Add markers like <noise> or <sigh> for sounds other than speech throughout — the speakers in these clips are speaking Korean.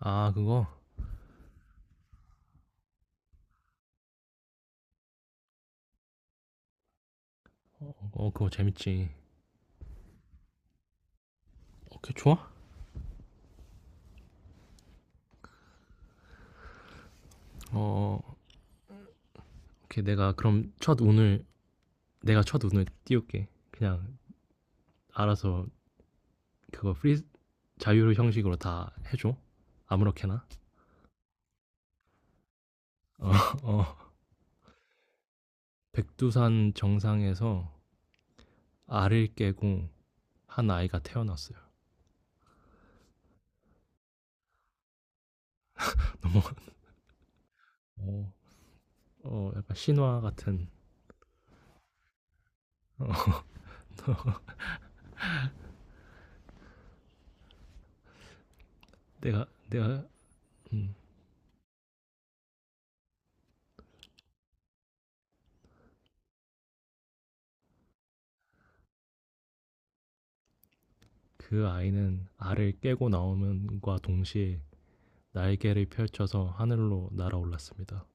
아, 그거? 어, 그거 재밌지. 오케이, 좋아? 어, 오케이, 내가 첫 운을 띄울게. 그냥 알아서 그거 프리, 자유로 형식으로 다 해줘. 아무렇게나. 어, 어. 백두산 정상에서 알을 깨고 한 아이가 태어났어요. 너무, 어, 약간 신화 같은. 어, 내가, 내가, 음, 그 아이는 알을 깨고 나오면과 동시에 날개를 펼쳐서 하늘로 날아올랐습니다.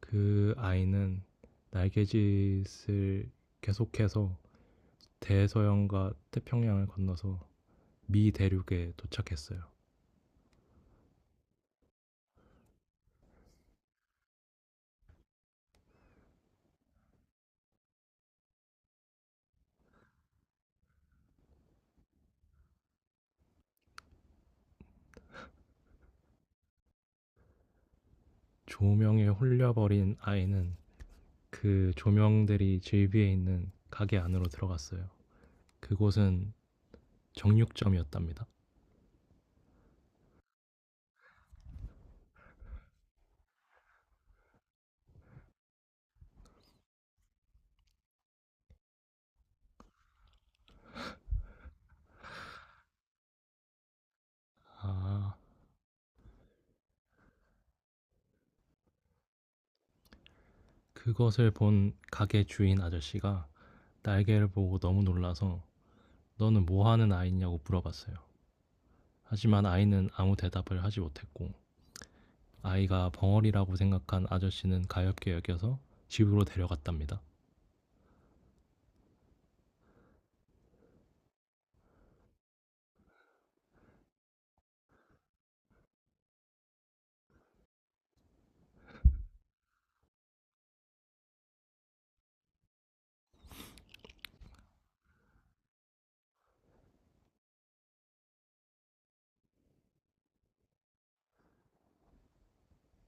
그 아이는 날갯짓을 계속해서 대서양과 태평양을 건너서 미 대륙에 도착했어요. 조명에 홀려버린 아이는 그 조명들이 질비해 있는 가게 안으로 들어갔어요. 그곳은 정육점이었답니다. 아, 그것을 본 가게 주인 아저씨가 날개를 보고 너무 놀라서 너는 뭐 하는 아이냐고 물어봤어요. 하지만 아이는 아무 대답을 하지 못했고 아이가 벙어리라고 생각한 아저씨는 가엾게 여겨서 집으로 데려갔답니다.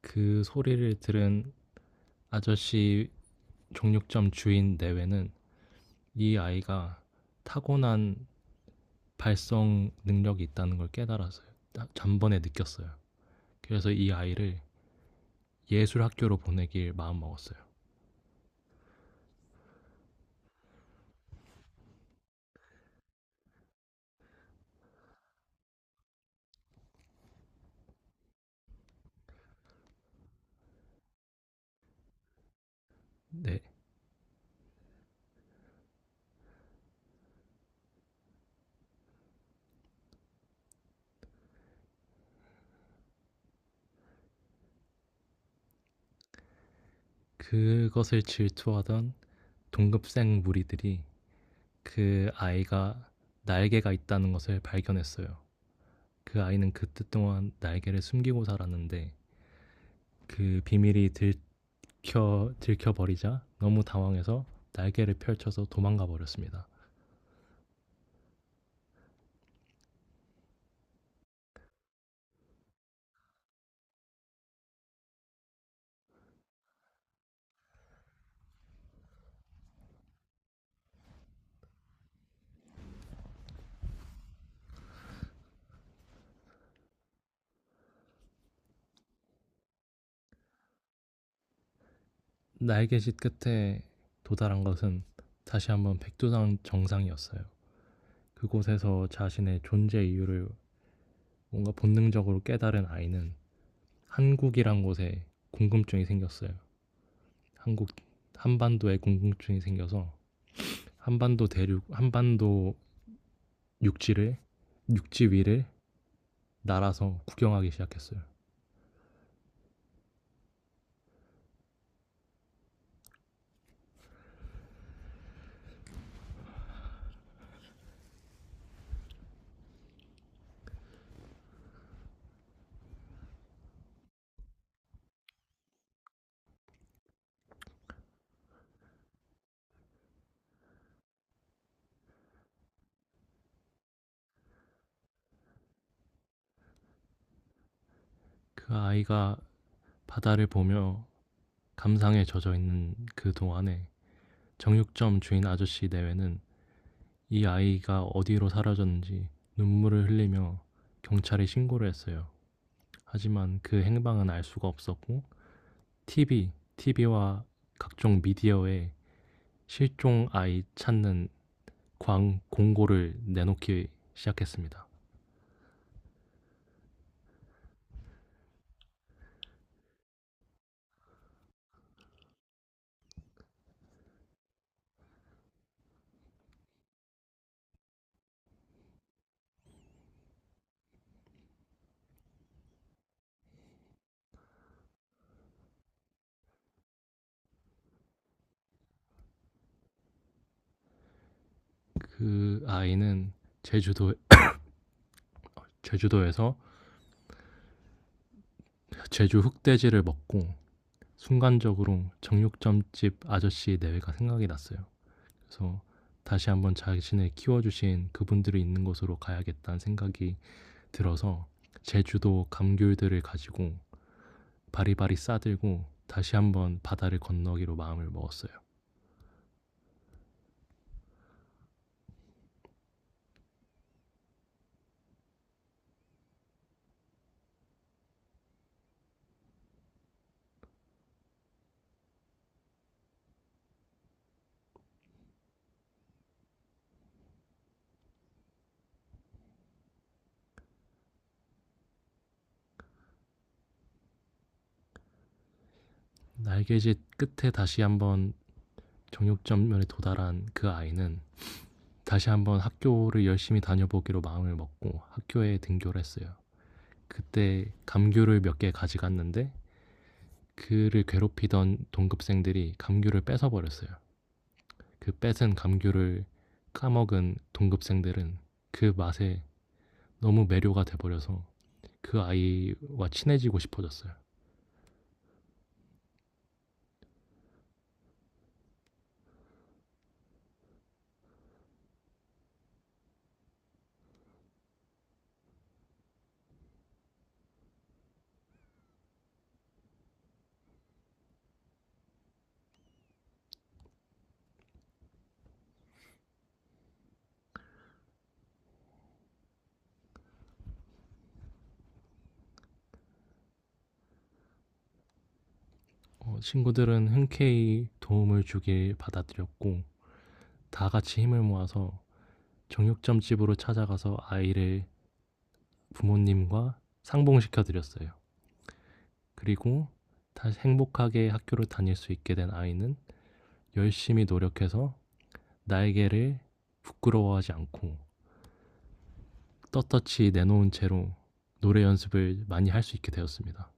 그 소리를 들은 아저씨 정육점 주인 내외는 이 아이가 타고난 발성 능력이 있다는 걸 깨달았어요. 전번에 느꼈어요. 그래서 이 아이를 예술 학교로 보내길 마음먹었어요. 네. 그것을 질투하던 동급생 무리들이 그 아이가 날개가 있다는 것을 발견했어요. 그 아이는 그 뜻 동안 날개를 숨기고 살았는데 그 비밀이 들켜 버리자 너무 당황해서 날개를 펼쳐서 도망가 버렸습니다. 날개짓 끝에 도달한 것은 다시 한번 백두산 정상이었어요. 그곳에서 자신의 존재 이유를 뭔가 본능적으로 깨달은 아이는 한국이란 곳에 궁금증이 생겼어요. 한국 한반도에 궁금증이 생겨서 한반도 육지를 육지 위를 날아서 구경하기 시작했어요. 그 아이가 바다를 보며 감상에 젖어 있는 그 동안에 정육점 주인 아저씨 내외는 이 아이가 어디로 사라졌는지 눈물을 흘리며 경찰에 신고를 했어요. 하지만 그 행방은 알 수가 없었고 TV와 각종 미디어에 실종 아이 찾는 광 공고를 내놓기 시작했습니다. 그 아이는 제주도 제주도에서 제주 흑돼지를 먹고 순간적으로 정육점집 아저씨 내외가 생각이 났어요. 그래서 다시 한번 자신을 키워주신 그분들이 있는 곳으로 가야겠다는 생각이 들어서 제주도 감귤들을 가지고 바리바리 싸들고 다시 한번 바다를 건너기로 마음을 먹었어요. 날개짓 끝에 다시 한번 정육점면에 도달한 그 아이는 다시 한번 학교를 열심히 다녀보기로 마음을 먹고 학교에 등교를 했어요. 그때 감귤을 몇 개 가져갔는데 그를 괴롭히던 동급생들이 감귤을 뺏어 버렸어요. 그 뺏은 감귤을 까먹은 동급생들은 그 맛에 너무 매료가 돼 버려서 그 아이와 친해지고 싶어졌어요. 어, 친구들은 흔쾌히 도움을 주길 받아들였고 다 같이 힘을 모아서 정육점 집으로 찾아가서 아이를 부모님과 상봉시켜 드렸어요. 그리고 다시 행복하게 학교를 다닐 수 있게 된 아이는 열심히 노력해서 날개를 부끄러워하지 않고 떳떳이 내놓은 채로 노래 연습을 많이 할 수 있게 되었습니다.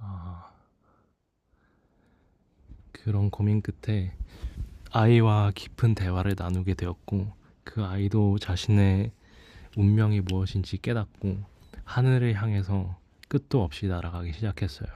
아, 그런 고민 끝에 아이와 깊은 대화를 나누게 되었고 그 아이도 자신의 운명이 무엇인지 깨닫고 하늘을 향해서 끝도 없이 날아가기 시작했어요.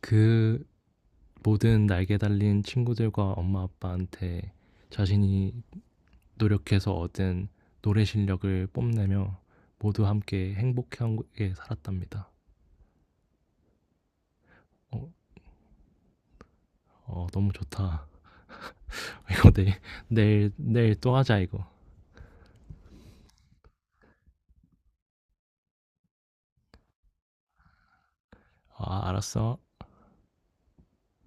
그 모든 날개 달린 친구들과 엄마 아빠한테 자신이 노력해서 얻은 노래 실력을 뽐내며 모두 함께 행복하게 살았답니다. 어, 어, 너무 좋다. <laughs> 이거 내일, 또 하자, 이거. 아, 알았어.